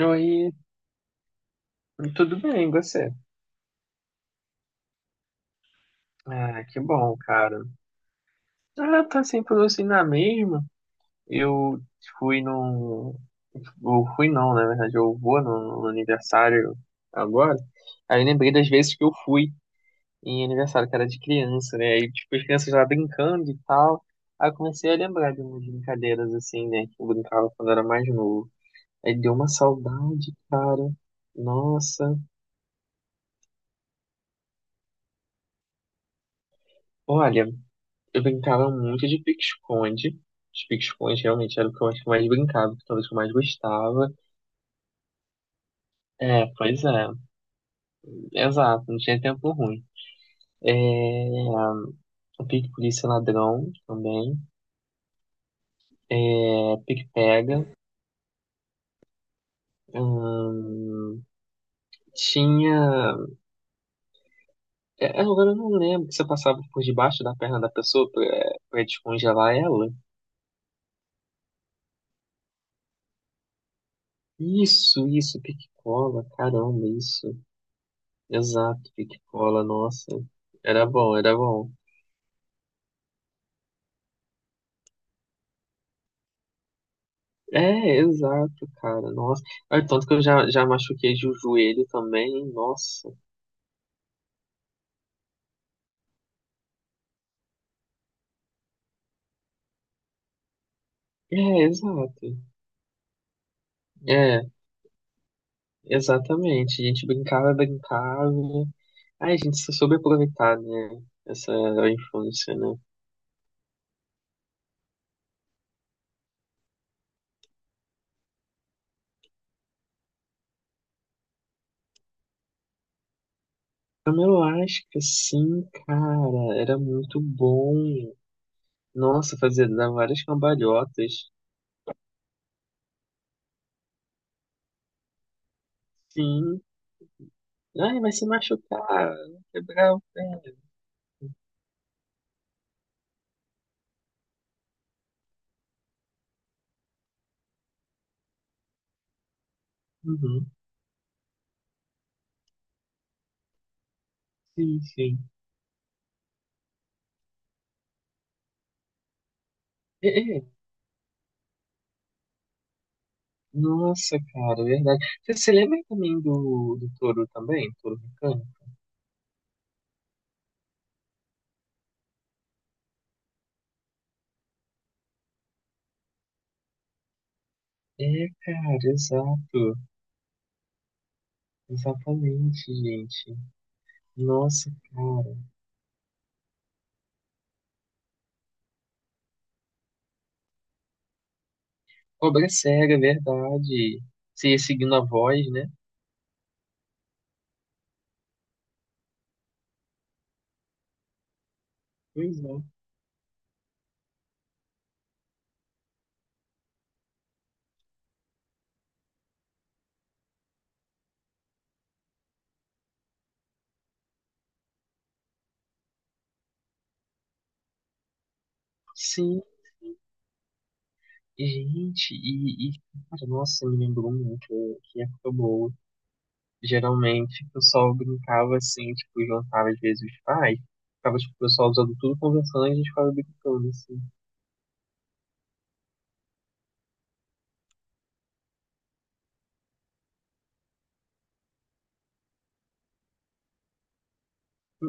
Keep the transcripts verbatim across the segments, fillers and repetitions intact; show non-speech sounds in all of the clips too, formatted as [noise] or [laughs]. Oi, tudo bem, e você? Ah, que bom, cara. Ah, tá sempre tudo assim na mesma. Eu fui num. Eu fui não, na verdade, eu vou no, no aniversário agora. Aí eu lembrei das vezes que eu fui em aniversário, que era de criança, né? Aí, tipo, as crianças lá brincando e tal. Aí eu comecei a lembrar de umas brincadeiras assim, né? Que eu brincava quando era mais novo. Aí deu uma saudade, cara. Nossa. Olha. Eu brincava muito de pique-esconde. Os pique-esconde realmente era o que eu acho que eu mais brincava, que talvez eu mais gostava. É, pois é. Exato, não tinha tempo ruim. O pique-polícia ladrão também. É, pique-pega. Hum, tinha. É, agora eu não lembro que você passava por debaixo da perna da pessoa pra, pra descongelar ela. Isso, isso, pique-cola, caramba, isso. Exato, pique-cola, nossa. Era bom, era bom. É, exato, cara. Nossa. Olha, tanto que eu já, já machuquei o joelho também. Nossa. É, exato. É, exatamente. A gente brincava, brincava. Ai, a gente se soube aproveitar, né? Essa infância, né? Então, eu acho que sim, cara. Era muito bom. Nossa, fazer dar várias cambalhotas. Sim. Ai, vai se machucar. Quebrar o pé. Uhum. Sim, sim. É, é. Nossa, cara, é verdade. Você se lembra também do, do touro também? Touro mecânico? É, cara, exato. Exatamente, gente. Nossa, cara. Cobra cega, é verdade. Você ia seguindo a voz, né? Pois é. Sim, gente. E, e cara, nossa, me lembrou muito que época boa. Geralmente, o pessoal brincava assim, tipo, juntava às vezes os pais. Ficava, tipo, o pessoal usando tudo conversando e a gente ficava brincando, assim.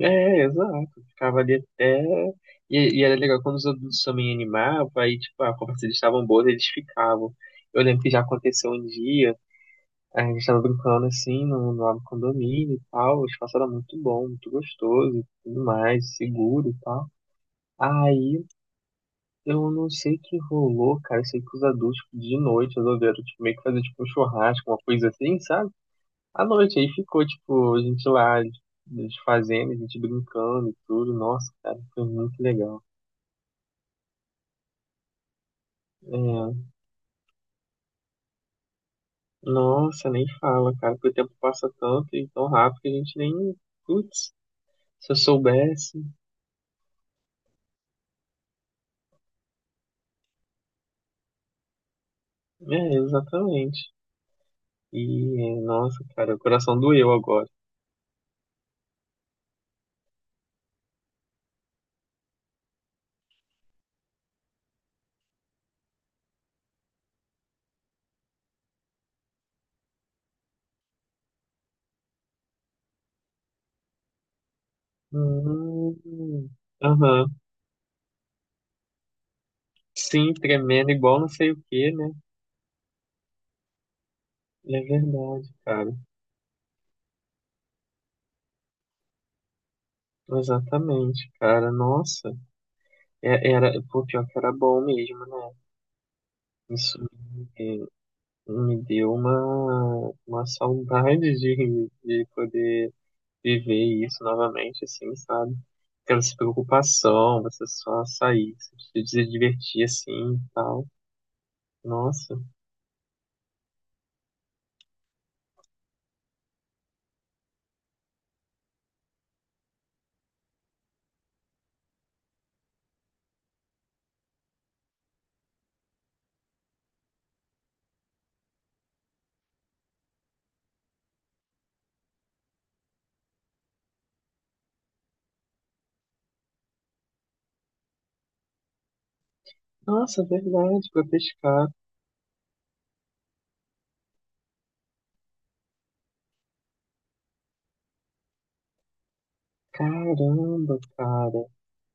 É, exato. Ficava ali até. E, e era legal quando os adultos também animavam, aí, tipo, a conversa deles estavam boas, eles ficavam. Eu lembro que já aconteceu um dia, a gente tava brincando assim no, no lado do condomínio e tal, o espaço era muito bom, muito gostoso e tudo mais, seguro e tal. Aí eu não sei o que rolou, cara. Eu sei que os adultos tipo, de noite resolveram tipo, meio que fazer tipo, um churrasco, uma coisa assim, sabe? À noite. Aí ficou, tipo, a gente lá a fazendo, a gente brincando e tudo. Nossa, cara, foi muito legal. É, nossa, nem fala, cara, porque o tempo passa tanto e tão rápido que a gente nem. Putz, se eu soubesse. É, exatamente. E, é, nossa, cara, o coração doeu agora. Hum. Aham. Sim, tremendo igual não sei o que, né? É verdade, cara. Exatamente, cara. Nossa, é- era, pô, pior que era bom mesmo, né? Isso me, me deu uma, uma saudade de, de poder viver isso novamente, assim, sabe? Aquela preocupação, você só sair, se se divertir assim e tal. Nossa, nossa, é verdade, pra pescar. Caramba, cara.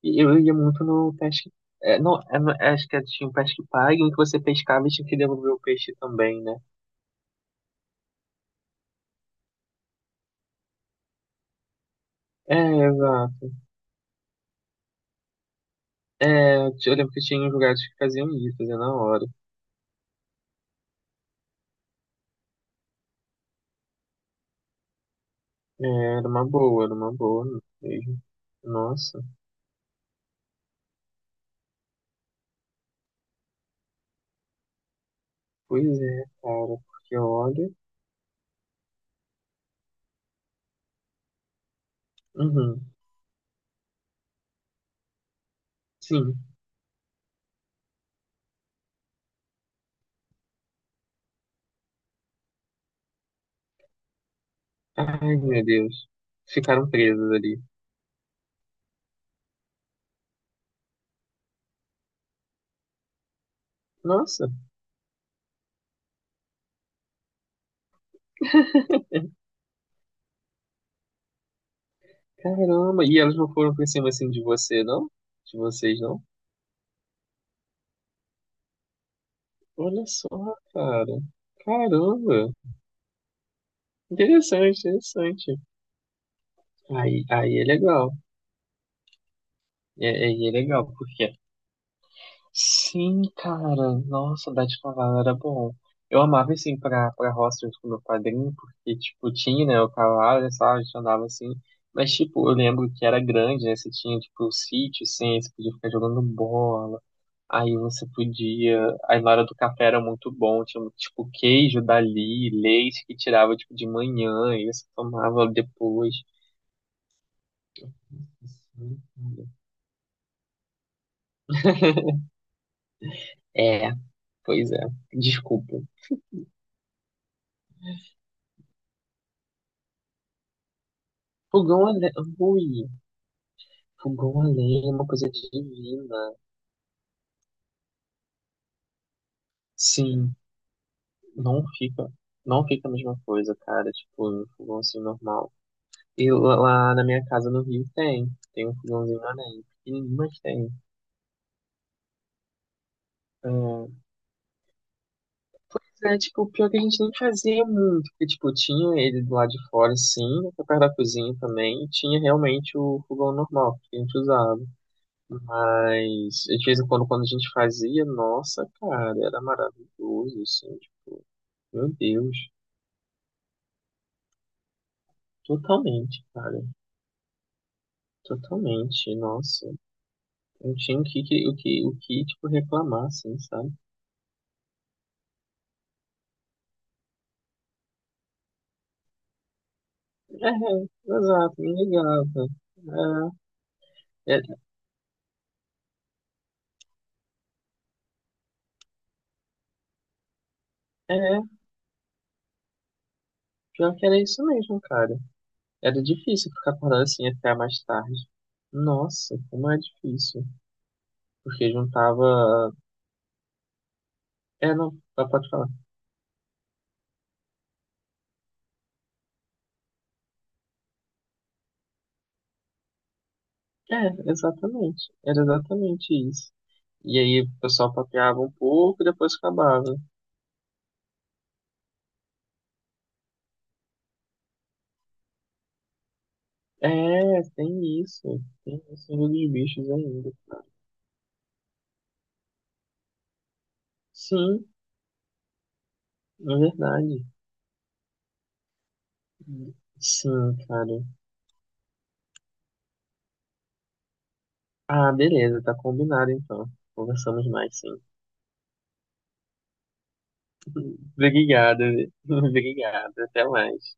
E eu ia muito no pesque. É, não, é, não- é, acho que é, tinha um pesque pague em que você pescava e tinha que devolver o peixe também, né? É, exato. É, eu lembro que tinha uns lugares que faziam isso, fazia na hora. É, era uma boa, era uma boa mesmo. Nossa, pois é, cara, porque olha. Uhum, sim. Ai, meu Deus. Ficaram presas ali. Nossa, caramba. E elas não foram pra cima assim de você, não? De vocês, não? Olha só, cara. Caramba. Interessante, interessante. Aí, aí é legal. É, aí é legal, porque sim, cara. Nossa, o Bete Cavalo era bom. Eu amava, assim, pra, pra roça junto com meu padrinho, porque, tipo, tinha, né, o cavalo, e tal, a gente andava assim. Mas, tipo, eu lembro que era grande, né? Você tinha, tipo, o sítio, assim, você podia ficar jogando bola. Aí você podia. Aí na hora do café era muito bom. Tinha, tipo, queijo dali, leite que tirava, tipo, de manhã, e você tomava depois. [laughs] É, pois é. Desculpa. Fogão, ale- ui. O bom além é uma coisa divina. Sim, não fica, não fica a mesma coisa, cara, tipo, no fogão assim normal. E lá lá na minha casa no Rio tem, tem um fogãozinho além, pequenininho, mas tem. É, mas é, tipo, pior que a gente nem fazia muito, porque, tipo, tinha ele do lado de fora, sim, perto da cozinha também, e tinha realmente o fogão normal que a gente usava. Mas, de vez em quando, quando a gente fazia, nossa, cara, era maravilhoso, assim, tipo, meu Deus. Totalmente, cara. Totalmente. Nossa. Não tinha o que, que- o que, o que tipo, reclamar, assim, sabe? É, é, exato. Me ligava. É, é, é, pior que era isso mesmo, cara. Era difícil ficar acordado assim até mais tarde. Nossa, como é difícil. Porque juntava. É, não, ah, pode falar. É, exatamente. Era exatamente isso. E aí o pessoal papeava um pouco e depois acabava. É, tem isso. Tem o Senhor dos Bichos ainda. Sim, é verdade. Sim, cara. Ah, beleza, tá combinado então. Conversamos mais, sim. [laughs] Obrigado, [laughs] obrigado. Até mais.